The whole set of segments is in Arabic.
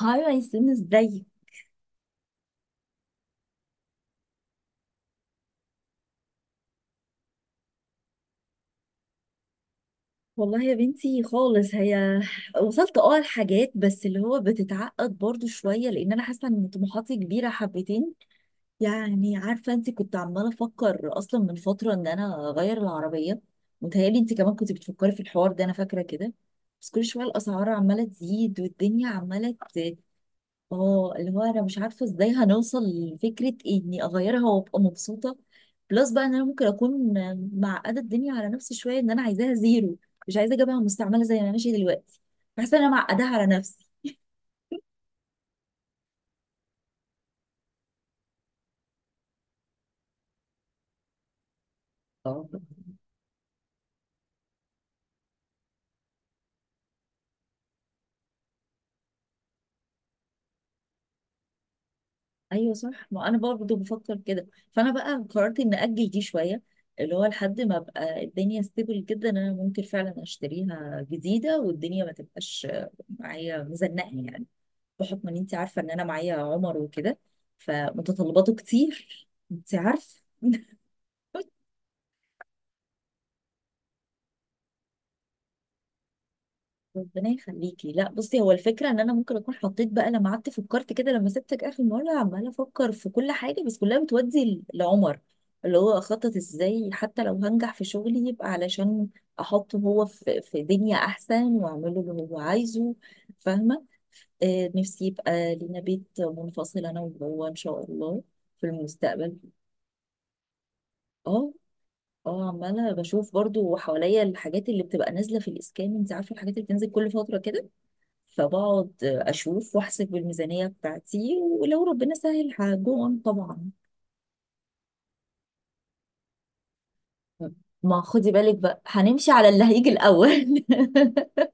هاي ياسمين، ازاي؟ والله يا بنتي خالص هي وصلت لحاجات، بس اللي هو بتتعقد برضو شوية لان انا حاسة ان طموحاتي كبيرة حبتين. يعني عارفة انت كنت عمالة افكر اصلا من فترة ان انا اغير العربية. متهيألي انت كمان كنت بتفكري في الحوار ده، انا فاكرة كده. بس كل شوية الاسعار عمالة تزيد والدنيا عمالة. اه اللي هو انا مش عارفه ازاي هنوصل لفكره اني اغيرها وابقى مبسوطه. بلس بقى ان انا ممكن اكون معقده الدنيا على نفسي شويه، ان انا عايزاها زيرو، مش عايزه اجيبها مستعمله زي ما ماشيه دلوقتي. بحس ان انا معقداها على نفسي. اه، ايوه صح، ما انا برضه بفكر كده. فانا بقى قررت ان اجل دي شويه، اللي هو لحد ما ابقى الدنيا ستيبل جدا انا ممكن فعلا اشتريها جديده والدنيا ما تبقاش معايا مزنقه يعني. بحكم ان انت عارفه ان انا معايا عمر وكده، فمتطلباته كتير. انت عارفه ربنا يخليكي. لا بصي، هو الفكره ان انا ممكن اكون حطيت بقى، لما قعدت فكرت كده لما سبتك اخر مره، عماله افكر في كل حاجه بس كلها بتودي لعمر. اللي هو اخطط ازاي، حتى لو هنجح في شغلي يبقى علشان احطه هو في دنيا احسن واعمله اللي هو عايزه. فاهمه. نفسي يبقى لينا بيت منفصل انا وهو ان شاء الله. في المستقبل. اه. اه، عمالة بشوف برضو حواليا الحاجات اللي بتبقى نازلة في الإسكان. انت عارفة الحاجات اللي بتنزل كل فترة كده. فبقعد أشوف وأحسب الميزانية بتاعتي ولو ربنا سهل هجون طبعا. ما خدي بالك بقى، هنمشي على اللي هيجي الأول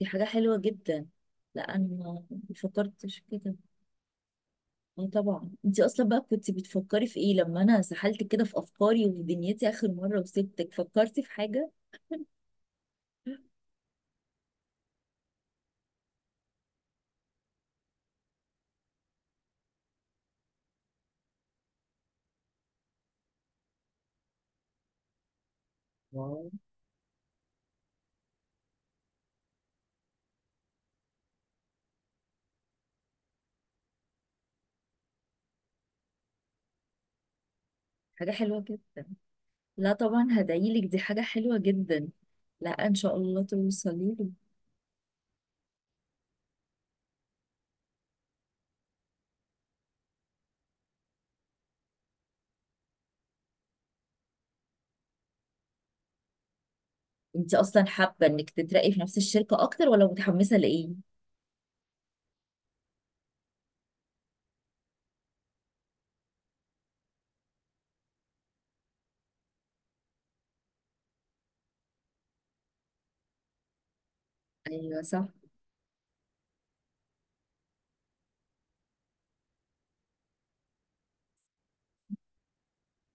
دي حاجة حلوة جدا. لا أنا ما فكرتش كده. اه طبعا، انت أصلا بقى كنت بتفكري في ايه لما أنا سحلت كده في أفكاري ودنيتي آخر مرة وسبتك؟ فكرتي في حاجة؟ واو. حاجة حلوة كده. لا طبعا هدعيلك، دي حاجة حلوة جدا. لا ان شاء الله توصلي له. انت اصلا حابة انك تترقي في نفس الشركة اكتر، ولا متحمسة لايه؟ ايوه صح.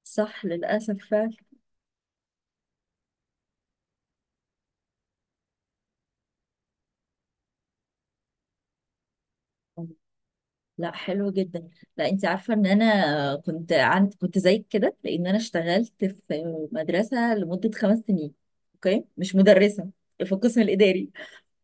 صح للاسف فعلا. لا حلو جدا. لا، انت عارفة ان انا كنت زيك كده، لان انا اشتغلت في مدرسة لمدة 5 سنين. اوكي، مش مدرسة، في القسم الاداري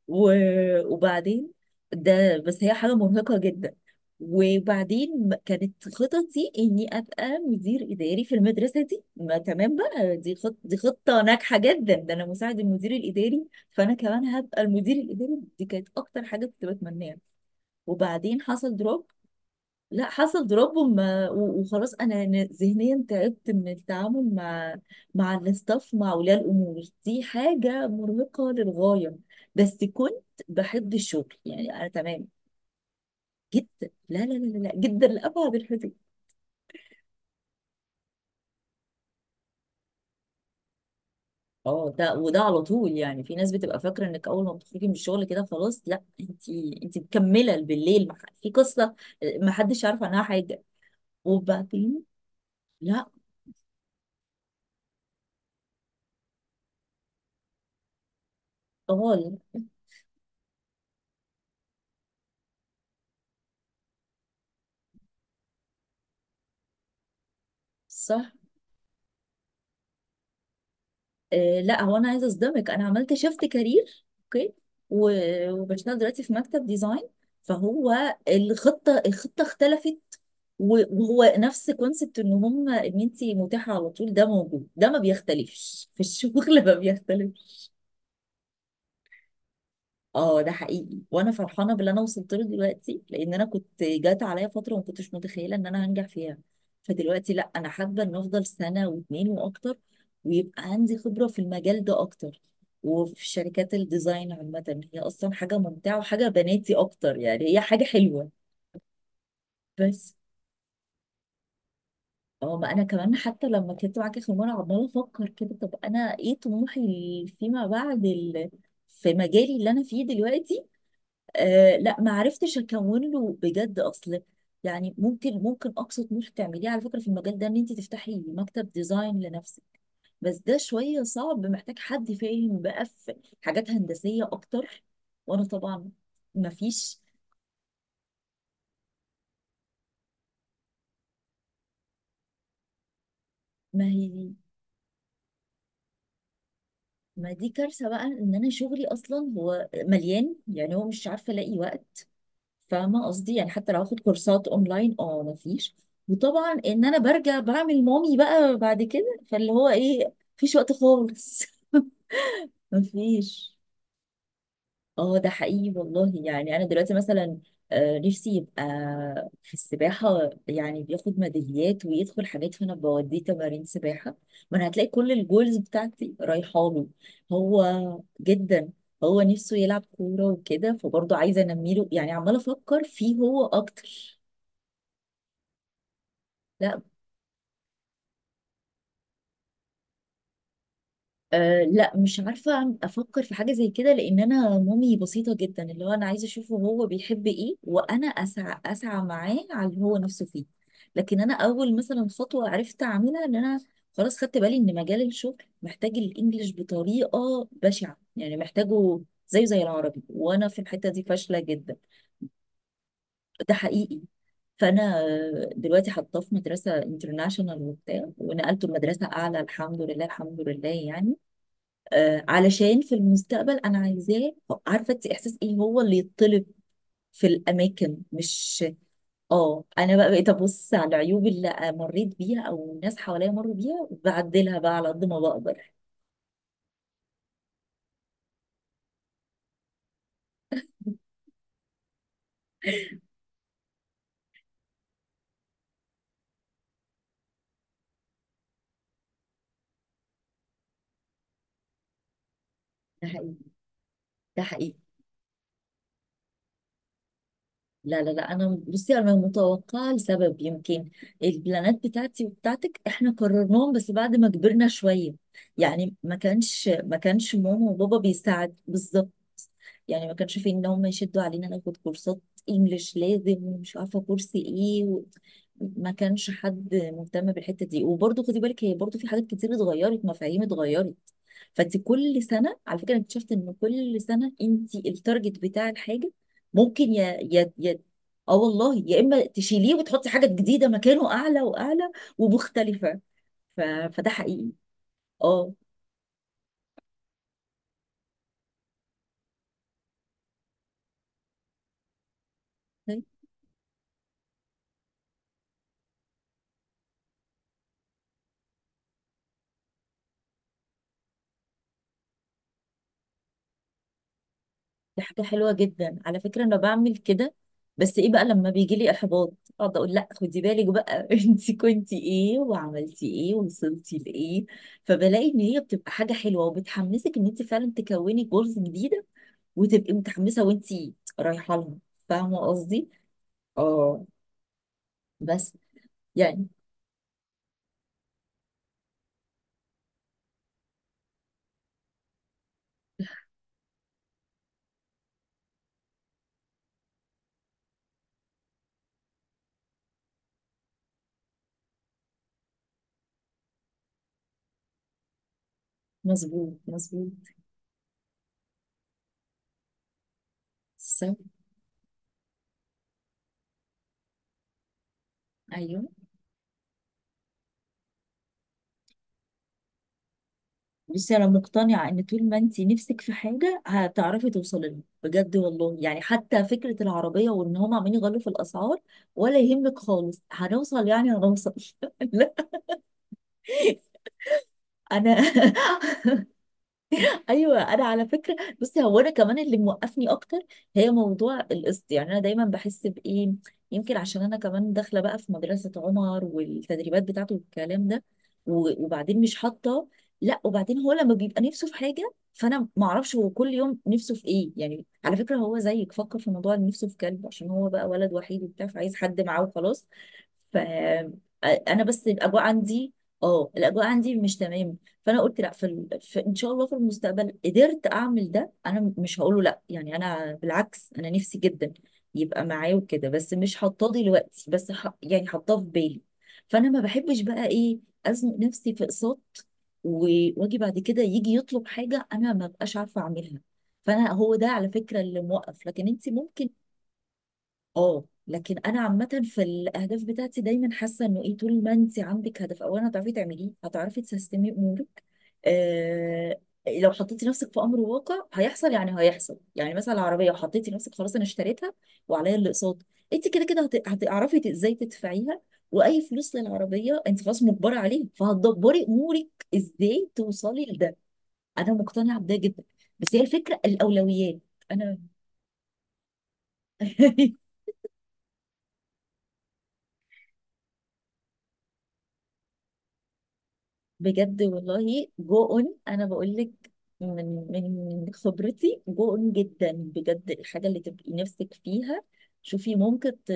وبعدين. ده بس هي حاجة مرهقة جدا. وبعدين كانت خططي اني ابقى مدير اداري في المدرسه دي، ما تمام بقى، دي خط دي خطه ناجحه جدا، ده انا مساعد المدير الاداري فانا كمان هبقى المدير الاداري. دي كانت اكتر حاجه كنت بتمناها. وبعدين حصل دروب. لا حصل دروب وخلاص انا ذهنيا تعبت من التعامل مع مع الاستاف مع اولياء الامور. دي حاجه مرهقه للغايه. بس كنت بحب الشغل يعني، انا تمام. جدا. لا لا لا لا لا، جدا لابعد الحدود. اه ده، وده على طول يعني. في ناس بتبقى فاكره انك اول ما بتخرجي من الشغل كده خلاص. لا انت، انت مكمله بالليل في قصه. آه، ما حدش عارف عنها حاجه. وبعدين. لا. طوال. صح. آه لا، هو انا عايزه اصدمك، انا عملت شيفت كارير. اوكي، وبشتغل دلوقتي في مكتب ديزاين. فهو الخطه اختلفت، وهو نفس كونسبت ان هم ان انت متاحه على طول، ده موجود، ده ما بيختلفش في الشغل ما بيختلفش. اه ده حقيقي، وانا فرحانه باللي انا وصلت له دلوقتي، لان انا كنت جات عليا فتره ما كنتش متخيله ان انا هنجح فيها. فدلوقتي لا، انا حابه ان افضل سنه واتنين واكتر، ويبقى عندي خبره في المجال ده اكتر. وفي شركات الديزاين عامه هي اصلا حاجه ممتعه وحاجه بناتي اكتر يعني، هي حاجه حلوه. بس اه، ما انا كمان حتى لما كنت معاك اخر مره عماله افكر كده، طب انا ايه طموحي فيما بعد في مجالي اللي انا فيه دلوقتي؟ آه لا، ما عرفتش اكون له بجد. اصل يعني، ممكن اقصى طموح تعمليه على فكره في المجال ده ان انت تفتحي مكتب ديزاين لنفسك، بس ده شويه صعب، محتاج حد فاهم بقى في حاجات هندسيه اكتر. وانا طبعا ما فيش. ما هي، ما دي كارثه بقى، ان انا شغلي اصلا هو مليان، يعني هو مش عارفه الاقي وقت. فاهمه قصدي، يعني حتى لو هاخد كورسات اونلاين، اه مفيش. وطبعا ان انا برجع بعمل مامي بقى بعد كده، فاللي هو ايه، مفيش وقت خالص مفيش. اه ده حقيقي والله. يعني انا دلوقتي مثلا، آه، نفسي يبقى في السباحه، يعني بياخد ميداليات ويدخل حاجات، فانا بوديه تمارين سباحه. ما انا هتلاقي كل الجولز بتاعتي رايحه له هو. جدا. هو نفسه يلعب كوره وكده، فبرضه عايزه انمي له، يعني عماله افكر فيه هو اكتر. لا. أه لا، مش عارفة أفكر في حاجة زي كده، لأن أنا مامي بسيطة جدا، اللي هو أنا عايزة أشوفه هو بيحب إيه وأنا أسعى أسعى معاه على اللي هو نفسه فيه. لكن أنا أول مثلا خطوة عرفت أعملها إن أنا خلاص خدت بالي إن مجال الشغل محتاج الإنجليش بطريقة بشعة، يعني محتاجه زيه زي العربي، وأنا في الحتة دي فاشلة جدا. ده حقيقي. فانا دلوقتي حاطاه في مدرسه انترناشونال وبتاع، ونقلته لمدرسه اعلى، الحمد لله الحمد لله يعني. آه، علشان في المستقبل انا عايزاه، عارفه انت احساس ايه هو اللي يطلب في الاماكن، مش. اه، انا بقى بقيت ابص على العيوب اللي مريت بيها او الناس حواليا مروا بيها وبعدلها بقى على قد ما بقدر. ده حقيقي. ده حقيقي. لا لا لا، انا بصي انا متوقعه لسبب، يمكن البلانات بتاعتي وبتاعتك احنا قررناهم بس بعد ما كبرنا شويه. يعني ما كانش ماما وبابا بيساعد بالظبط. يعني ما كانش في ان هم يشدوا علينا ناخد كورسات انجليش لازم، ومش عارفه كورس ايه ما كانش حد مهتم بالحته دي. وبرضه خدي بالك، هي برضه في حاجات كتير اتغيرت، مفاهيم اتغيرت. فانت كل سنه على فكره، أنا اكتشفت ان كل سنه انت التارجت بتاع الحاجه ممكن يا يا يا اه والله، يا اما تشيليه وتحطي حاجه جديده مكانه اعلى واعلى ومختلفه. ف... فده حقيقي. اه. طيب، دي حاجه حلوه جدا على فكره، انا بعمل كده. بس ايه بقى، لما بيجي لي احباط اقعد اقول لا خدي بالك بقى انت كنتي ايه وعملتي ايه ووصلتي لايه؟ فبلاقي ان هي بتبقى حاجه حلوه، وبتحمسك ان انت فعلا تكوني جولز جديده وتبقي متحمسه وانت رايحه لها. فاهمه قصدي؟ اه بس يعني. مظبوط مظبوط. صح. ايوه بصي، انا مقتنعه ان طول ما انت نفسك في حاجه هتعرفي توصلي لها بجد والله، يعني حتى فكره العربيه وان هم عمالين يغلوا في الاسعار، ولا يهمك خالص، هنوصل يعني هنوصل لا. انا ايوه. انا على فكره بصي، هو انا كمان اللي موقفني اكتر هي موضوع القسط، يعني انا دايما بحس بايه، يمكن عشان انا كمان داخله بقى في مدرسه عمر والتدريبات بتاعته والكلام ده وبعدين مش حاطه. لا، وبعدين هو لما بيبقى نفسه في حاجه، فانا ما اعرفش هو كل يوم نفسه في ايه يعني، على فكره هو زيك فكر في موضوع إن نفسه في كلب، عشان هو بقى ولد وحيد وبتاع، فعايز حد معاه وخلاص. ف انا بس الاجواء عندي. اه، الاجواء عندي مش تمام. فانا قلت لا في ان شاء الله في المستقبل قدرت اعمل ده انا مش هقوله لا، يعني انا بالعكس، انا نفسي جدا يبقى معايا وكده، بس مش حاطاه دلوقتي، بس يعني حاطاه في بالي. فانا ما بحبش بقى ايه ازنق نفسي في اقساط، واجي بعد كده يجي يطلب حاجه انا ما بقاش عارفه اعملها. فانا هو ده على فكره اللي موقف، لكن انت ممكن. اه لكن انا عامه في الاهداف بتاعتي دايما حاسه انه ايه، طول ما انت عندك هدف اولا هتعرفي تعمليه هتعرفي تسيستمي امورك. آه. لو حطيتي نفسك في امر واقع هيحصل، يعني هيحصل، يعني مثلا العربيه حطيتي نفسك خلاص انا اشتريتها وعليا الاقساط، انت كده كده هتعرفي ازاي تدفعيها. واي فلوس للعربيه انت خلاص مجبره عليه، فهتدبري امورك ازاي توصلي لده. انا مقتنعه بده جدا. بس هي الفكره الاولويات. انا بجد والله، جو اون، انا بقول لك. من من خبرتي، جو اون جدا بجد، الحاجه اللي تبقي نفسك فيها شوفي ممكن ت-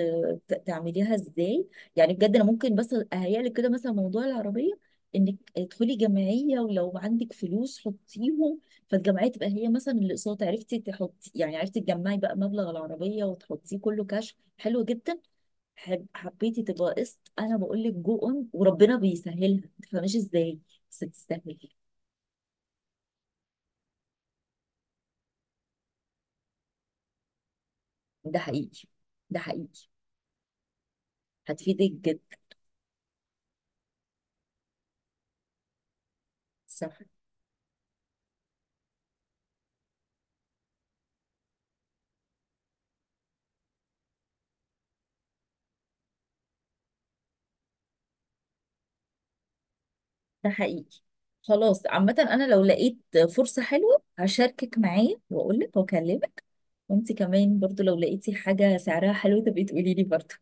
ت- تعمليها ازاي. يعني بجد انا ممكن بس اهيئ لك كده مثلا موضوع العربيه، انك تدخلي جمعيه ولو عندك فلوس حطيهم، فالجمعيه تبقى هي مثلا الاقساط، عرفتي تحطي يعني عرفتي تجمعي بقى مبلغ العربيه وتحطيه كله كاش. حلو جدا. حبيتي تبقى قسط، انا بقول لك جو اون، وربنا بيسهلها ما تفهميش ازاي. بس تستاهل. ده حقيقي. ده حقيقي. هتفيدك جدا. صح. ده حقيقي. خلاص عامة، انا لو لقيت فرصة حلوة هشاركك معايا واقول لك واكلمك. وانت كمان برضو لو لقيتي حاجة سعرها حلو تبقي تقولي لي برضو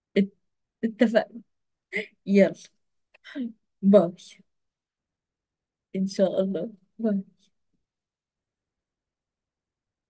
ات- اتفقنا. يلا. باي. ان شاء الله. باي.